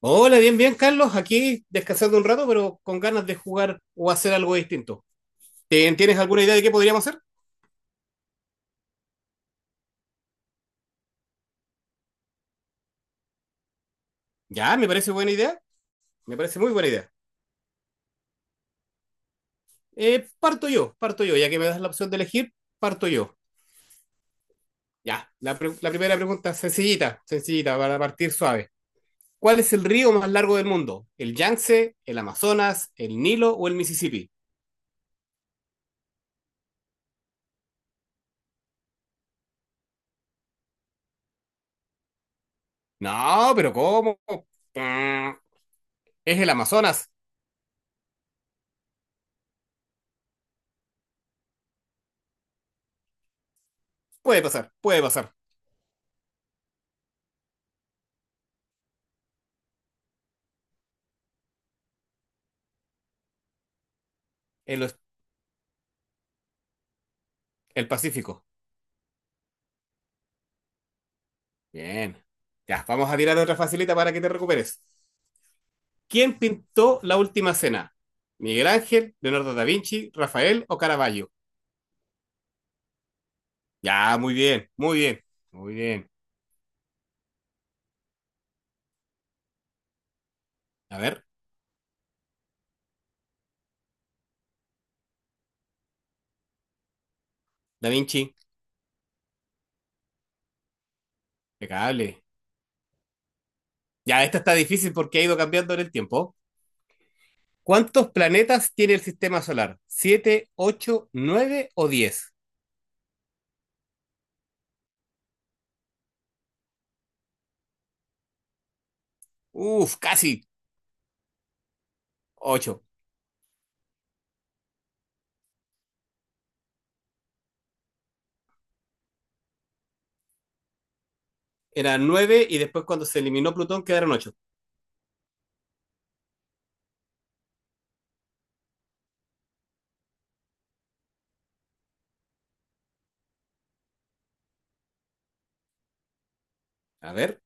Hola, bien, bien, Carlos. Aquí descansando un rato, pero con ganas de jugar o hacer algo distinto. ¿Tienes alguna idea de qué podríamos hacer? Ya, me parece buena idea. Me parece muy buena idea. Parto yo, parto yo. Ya que me das la opción de elegir, parto yo. La primera pregunta, sencillita, sencillita, para partir suave. ¿Cuál es el río más largo del mundo? ¿El Yangtze, el Amazonas, el Nilo o el Mississippi? No, pero ¿cómo? Mm, ¿Es el Amazonas? Puede pasar, puede pasar. El, el Pacífico. Bien. Ya, vamos a tirar otra facilita para que te recuperes. ¿Quién pintó la última cena? ¿Miguel Ángel, Leonardo da Vinci, Rafael o Caravaggio? Ya, muy bien, muy bien, muy bien. A ver, da Vinci, impecable. Ya, esta está difícil porque ha ido cambiando en el tiempo. ¿Cuántos planetas tiene el sistema solar? ¿Siete, ocho, nueve o diez? Uf, casi ocho. Eran nueve y después cuando se eliminó Plutón quedaron ocho. A ver,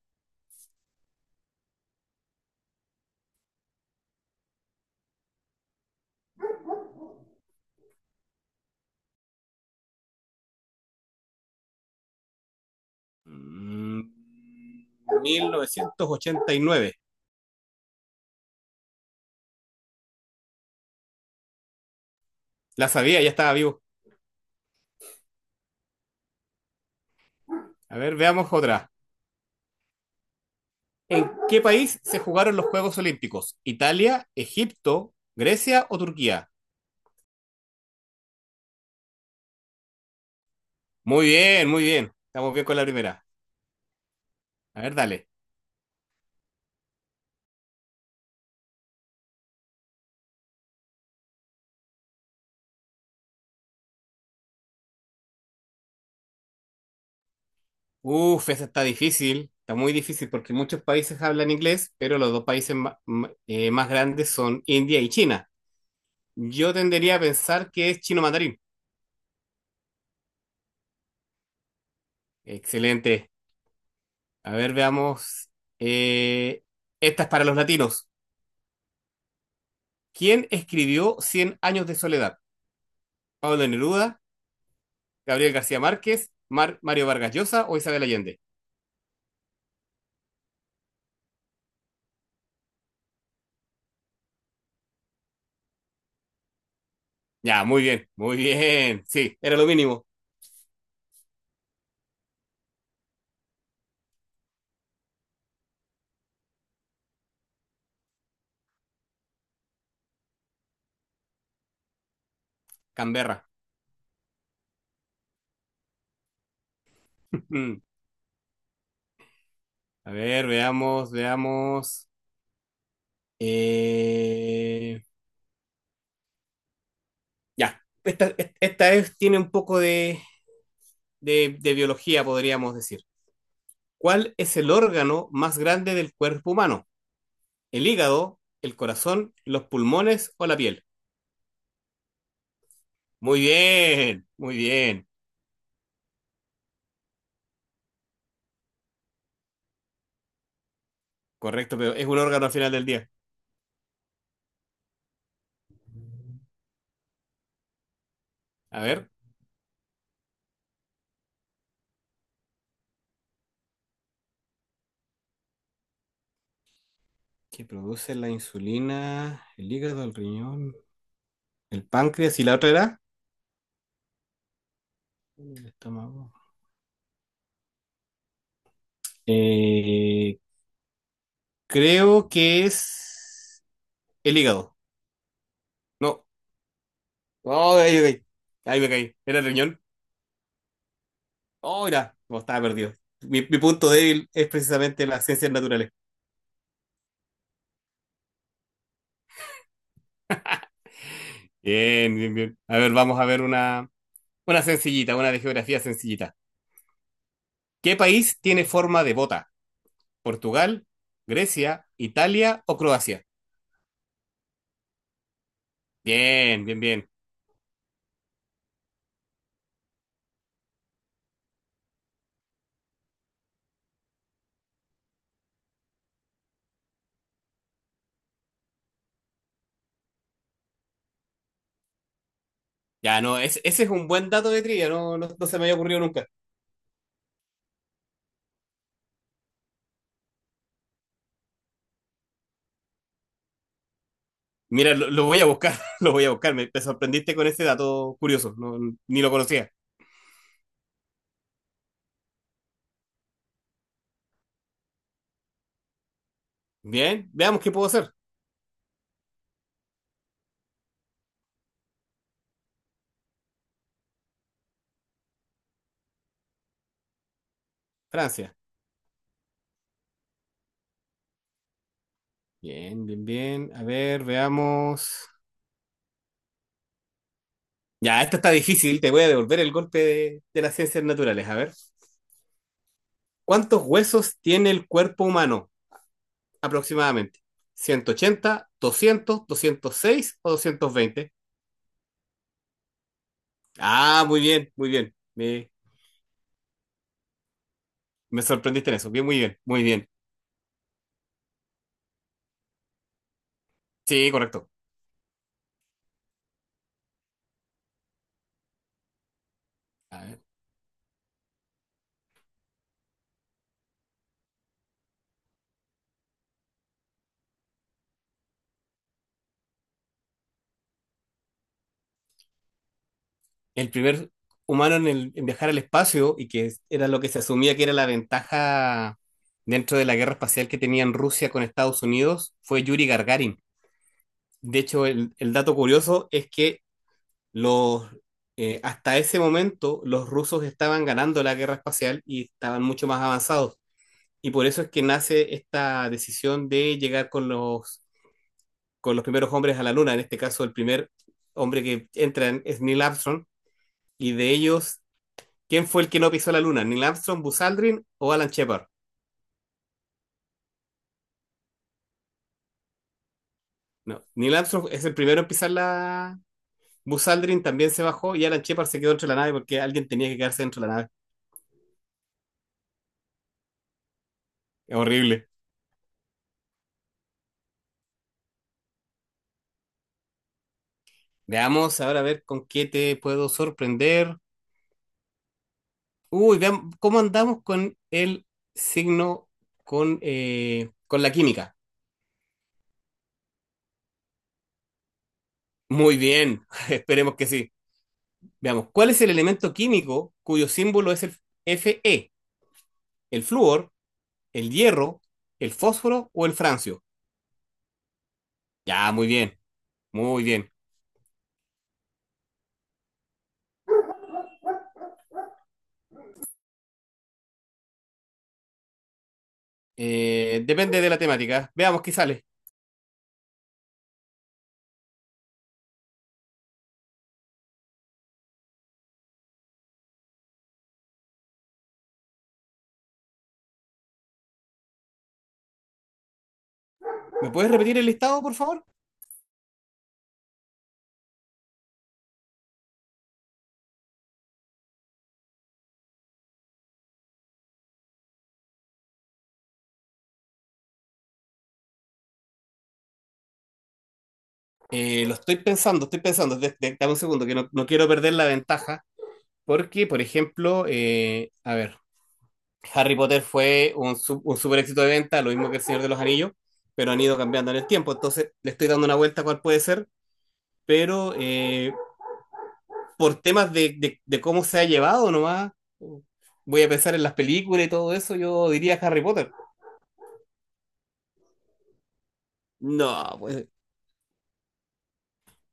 Mm, 1989. La sabía, ya estaba vivo. A ver, veamos otra. ¿En qué país se jugaron los Juegos Olímpicos? ¿Italia, Egipto, Grecia o Turquía? Muy bien, muy bien. Estamos bien con la primera. A ver, dale. Uf, esa está difícil. Está muy difícil porque muchos países hablan inglés, pero los dos países más grandes son India y China. Yo tendería a pensar que es chino mandarín. Excelente. A ver, veamos. Eh, Esta es para los latinos. ¿Quién escribió Cien años de soledad? ¿Pablo Neruda, Gabriel García Márquez, Mario Vargas Llosa o Isabel Allende? Ya, muy bien, muy bien. Sí, era lo mínimo. Canberra. Mm. A ver, veamos, veamos. Eh, ya, esta, esta tiene un poco de, de biología, podríamos decir. ¿Cuál es el órgano más grande del cuerpo humano? El hígado, el corazón, los pulmones o la piel. Muy bien, muy bien. Correcto, pero es un órgano al final del día. A ver, ¿qué produce la insulina? El hígado, el riñón, el páncreas y la otra era. El estómago. Eh, Creo que es el hígado. No. Oh, ahí me caí. Ahí me caí. Era el riñón. Oh, mira, no, estaba perdido. Mi punto débil es precisamente las ciencias naturales. Bien, bien, bien. A ver, vamos a ver una. Una sencillita, una de geografía sencillita. ¿Qué país tiene forma de bota? ¿Portugal, Grecia, Italia o Croacia? Bien, bien, bien. Ya, no, ese es un buen dato de trivia, no, no, no se me había ocurrido nunca. Mira, lo voy a buscar, lo voy a buscar. Te sorprendiste con ese dato curioso, no, ni lo conocía. Bien, veamos qué puedo hacer. Francia. Bien, bien, bien. A ver, veamos. Ya, esta está difícil, te voy a devolver el golpe de las ciencias naturales. A ver, ¿cuántos huesos tiene el cuerpo humano aproximadamente? ¿180, 200, 206 o 220? Ah, muy bien, muy bien. Me sorprendiste en eso. Bien, muy bien, muy bien. Sí, correcto. A ver. El primer humano en, en viajar al espacio y que era lo que se asumía que era la ventaja dentro de la guerra espacial que tenían Rusia con Estados Unidos fue Yuri Gagarin. De hecho, el dato curioso es que los, hasta ese momento los rusos estaban ganando la guerra espacial y estaban mucho más avanzados. Y por eso es que nace esta decisión de llegar con los primeros hombres a la Luna. En este caso, el primer hombre que es Neil Armstrong. Y de ellos, ¿quién fue el que no pisó la Luna? ¿Neil Armstrong, Buzz Aldrin o Alan Shepard? No, Neil Armstrong es el primero en pisar la... Buzz Aldrin también se bajó y Alan Shepard se quedó dentro de la nave porque alguien tenía que quedarse dentro de la nave. Es horrible. Veamos ahora a ver con qué te puedo sorprender. Uy, veamos cómo andamos con el signo, con la química. Muy bien, esperemos que sí. Veamos, ¿cuál es el elemento químico cuyo símbolo es el Fe? ¿El flúor, el hierro, el fósforo o el francio? Ya, muy bien, muy bien. Depende de la temática. Veamos qué sale. ¿Me puedes repetir el listado, por favor? Lo estoy pensando, estoy pensando. Dame un segundo, que no, no quiero perder la ventaja. Porque, por ejemplo, Harry Potter fue un super éxito de venta, lo mismo que El Señor de los Anillos, pero han ido cambiando en el tiempo. Entonces, le estoy dando una vuelta a cuál puede ser, pero por temas de, de cómo se ha llevado nomás, voy a pensar en las películas y todo eso, yo diría Harry Potter. No, pues.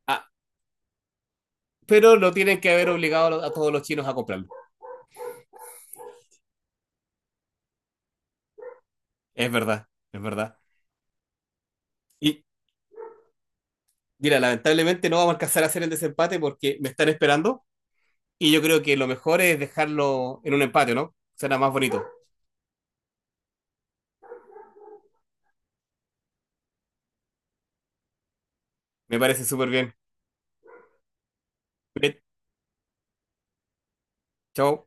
ah, pero lo tienen que haber obligado a a todos los chinos a comprarlo. Es verdad, es verdad. Y mira, lamentablemente no vamos a alcanzar a hacer el desempate porque me están esperando y yo creo que lo mejor es dejarlo en un empate, ¿no? Será más bonito. Me parece súper bien. Cuídate, chao.